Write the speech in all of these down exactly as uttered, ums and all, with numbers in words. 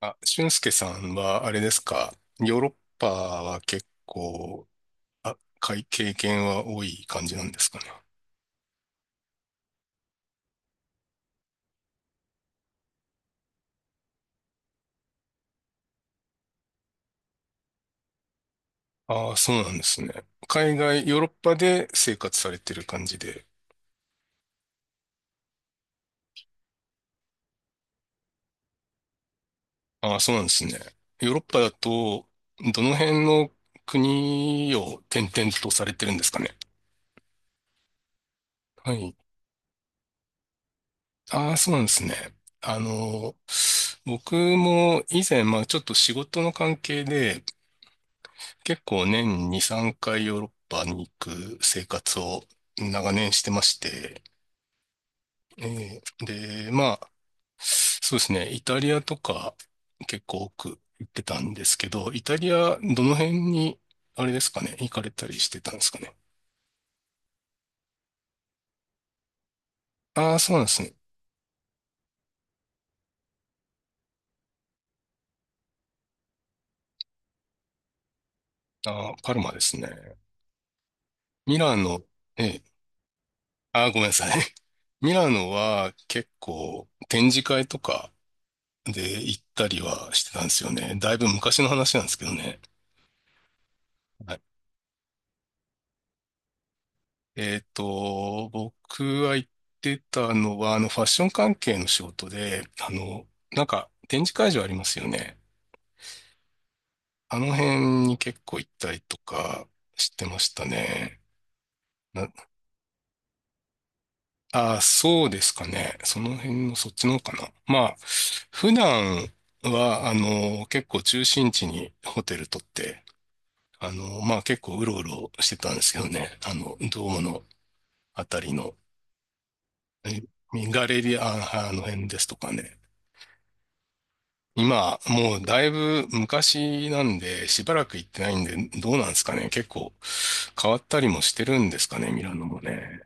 あ、俊介さんは、あれですか、ヨーロッパは結構、あ、かい経験は多い感じなんですかね。ああ、そうなんですね。海外、ヨーロッパで生活されてる感じで。ああ、そうなんですね。ヨーロッパだと、どの辺の国を転々とされてるんですかね。はい。ああ、そうなんですね。あの、僕も以前、まあちょっと仕事の関係で、結構年に、さんかいヨーロッパに行く生活を長年してまして、えーで、まあ、そうですね、イタリアとか結構多く行ってたんですけど、イタリアどの辺に、あれですかね、行かれたりしてたんですかね。ああ、そうなんですね。ああ、パルマですね。ミラノ、ええ、ああ、ごめんなさい。ミラノは結構展示会とかで行ったりはしてたんですよね。だいぶ昔の話なんですけどね。はい、えっと、僕は行ってたのは、あの、ファッション関係の仕事で、あの、なんか、展示会場ありますよね。あの辺に結構行ったりとかしてましたね。な、ああ、そうですかね。その辺のそっちの方かな。まあ、普段は、あの、結構中心地にホテル取って、あの、まあ結構うろうろしてたんですけどね。あの、ドームのあたりの、えガレリア、ああの辺ですとかね。今、もうだいぶ昔なんで、しばらく行ってないんで、どうなんですかね。結構変わったりもしてるんですかね、ミラノもね。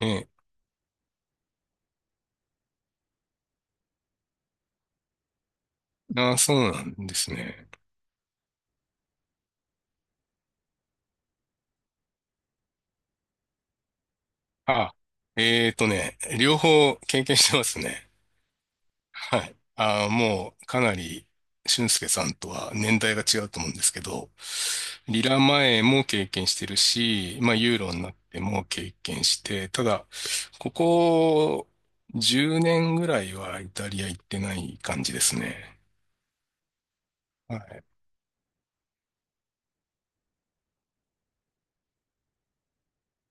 ええ。ああ、そうなんですね。あ、えーとね、両方経験してますね。はい。あー、もうかなり俊介さんとは年代が違うと思うんですけど、リラ前も経験してるし、まあユーロになっても経験して、ただ、ここじゅうねんぐらいはイタリア行ってない感じですね。はい。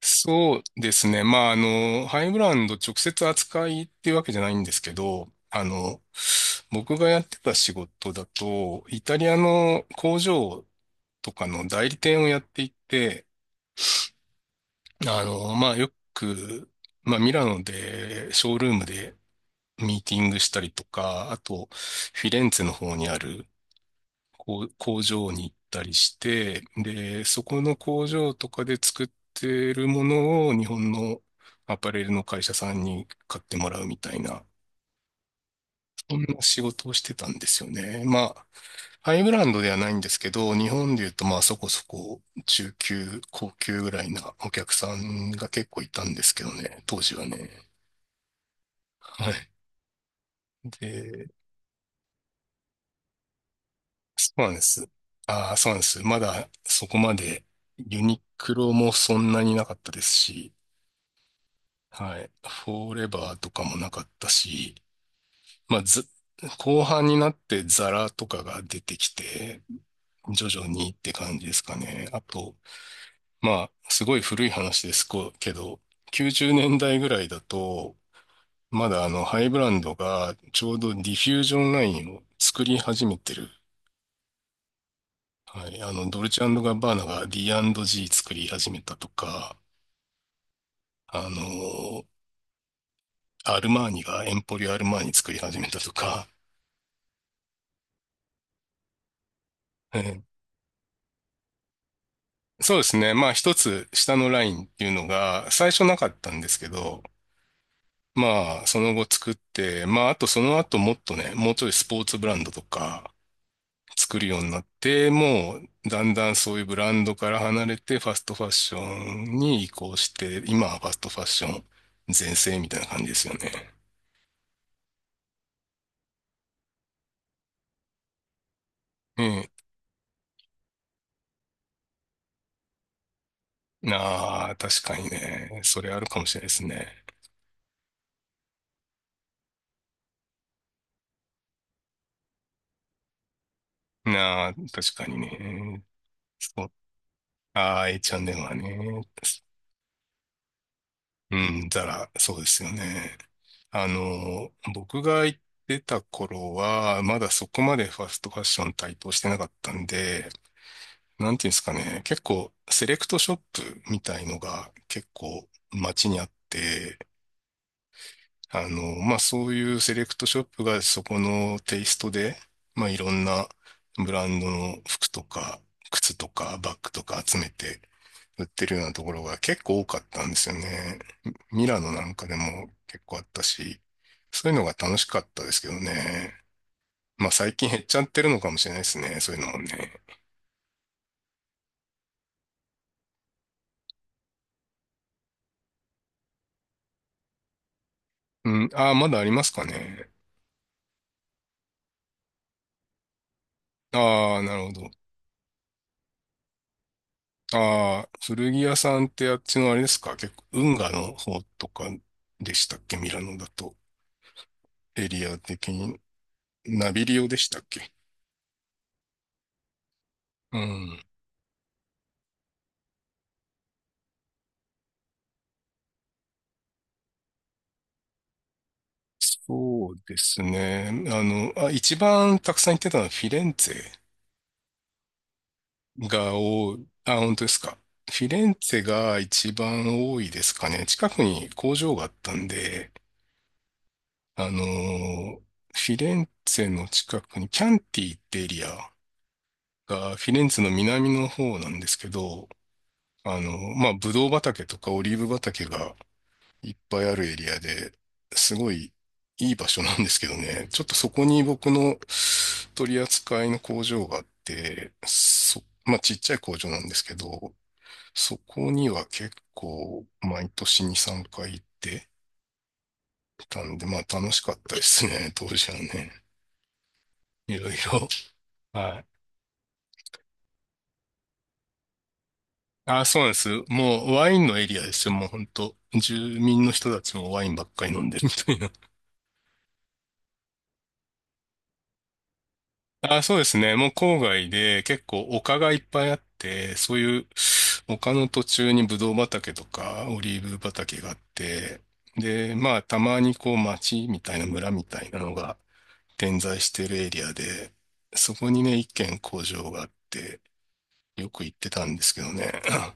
そうですね。まあ、あの、ハイブランド直接扱いっていうわけじゃないんですけど、あの、僕がやってた仕事だと、イタリアの工場とかの代理店をやっていって、あの、まあ、よく、まあ、ミラノで、ショールームでミーティングしたりとか、あと、フィレンツェの方にあるこう工場に行ったりして、で、そこの工場とかで作ってるものを日本のアパレルの会社さんに買ってもらうみたいなそんな仕事をしてたんですよね。まあ、ハイブランドではないんですけど、日本で言うとまあそこそこ中級、高級ぐらいなお客さんが結構いたんですけどね、当時はね。はい。で、そうなんです。ああ、そうなんです。まだそこまでユニクロもそんなになかったですし、はい。フォーレバーとかもなかったし、まあ、ず、後半になってザラとかが出てきて、徐々にって感じですかね。あと、まあ、すごい古い話ですけど、きゅうじゅうねんだいぐらいだと、まだあの、ハイブランドがちょうどディフュージョンラインを作り始めてる。はい。あの、ドルチェガッバーナが ディーアンドジー 作り始めたとか、あの、アルマーニがエンポリオアルマーニ作り始めたとか、えーそうですね。まあ、一つ下のラインっていうのが最初なかったんですけど、まあ、その後作って、まあ、あとその後もっとね、もうちょいスポーツブランドとか、作るようになって、もうだんだんそういうブランドから離れてファストファッションに移行して、今はファストファッション全盛みたいな感じですよね。うん。なあ、確かにね。それあるかもしれないですね。なあ、確かにね。そう。ああ、エイチアンドエム はね。うん、ザラ、そうですよね。あの、僕が行ってた頃は、まだそこまでファストファッション台頭してなかったんで、なんていうんですかね、結構セレクトショップみたいのが結構街にあって、あの、まあ、そういうセレクトショップがそこのテイストで、まあ、いろんなブランドの服とか靴とかバッグとか集めて売ってるようなところが結構多かったんですよね。ミラノなんかでも結構あったし、そういうのが楽しかったですけどね。まあ、最近減っちゃってるのかもしれないですね、そういうのもね。うん、ああ、まだありますかね。ああ、なるほど。ああ、古着屋さんってあっちのあれですか、結構、運河の方とかでしたっけ、ミラノだと。エリア的に。ナビリオでしたっけ。うん。そうですね。あの、あ、一番たくさん行ってたのはフィレンツェが多い。あ、本当ですか。フィレンツェが一番多いですかね。近くに工場があったんで、あのーフィレンツェの近くにキャンティってエリアがフィレンツェの南の方なんですけど、あの、まあ、ブドウ畑とかオリーブ畑がいっぱいあるエリアで、すごいいい場所なんですけどね、ちょっとそこに僕の取り扱いの工場があって、そ、まあ、ちっちゃい工場なんですけど、そこには結構毎年に、さんかい行ってたんで、まあ、楽しかったですね、当時はね。いろいろ。はい。あ、そうなんです。もうワインのエリアですよ。もう本当住民の人たちもワインばっかり飲んでる みたいな。あ、そうですね。もう郊外で結構丘がいっぱいあって、そういう丘の途中にブドウ畑とかオリーブ畑があって、で、まあたまにこう町みたいな村みたいなのが点在してるエリアで、そこにね、いっけん工場があって、よく行ってたんですけどね。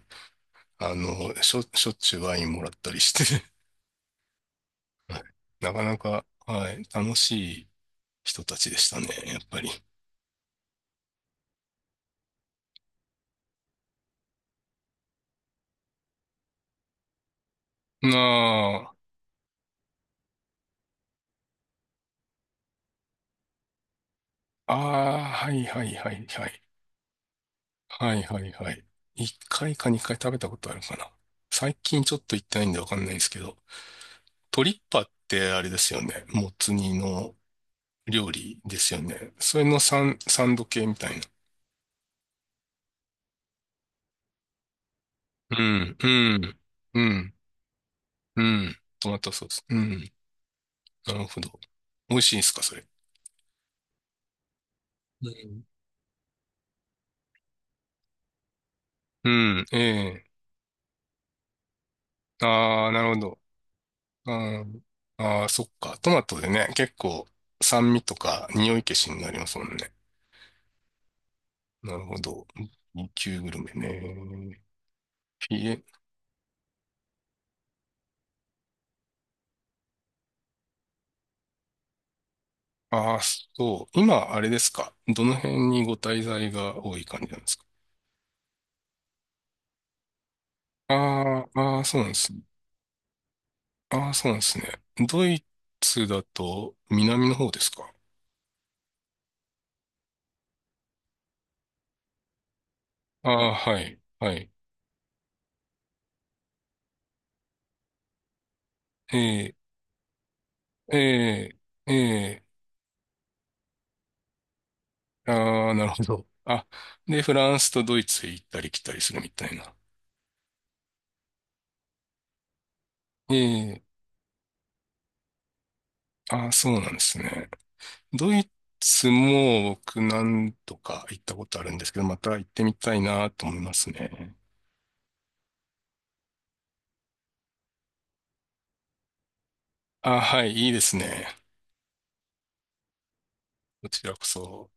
あの、しょ、しょっちゅうワインもらったりしてなかなか、はい、楽しい人たちでしたね、やっぱり。なあ、ああ、はいはいはいはい。はいはいはい。いっかいかにかい食べたことあるかな。最近ちょっと行ってないんでわかんないんですけど、トリッパってあれですよね。もつ煮の料理ですよね。それのサン、サンド系みたいな。うん、うん、うん、うん。トマトソース。うん、なるほど。美味しいんですか、それ。うん、うん、ええ。ああ、なるほど。うん。ああ、そっか。トマトでね、結構酸味とか匂い消しになりますもんね。なるほど。旧級グルメね。ひえ、ああ、そう。今、あれですか。どの辺にご滞在が多い感じなんですか。ああ、ああ、そうなんです。ああ、そうなんですね。ドイツだと南の方ですか。ああ、はい、はい。ええ、ええ、ええ、ああ、なるほど。あ、で、フランスとドイツへ行ったり来たりするみたいな。ええ、ああ、そうなんですね。ドイツも僕何度か行ったことあるんですけど、また行ってみたいなと思いますね。ああ、はい、いいですね。こちらこそ。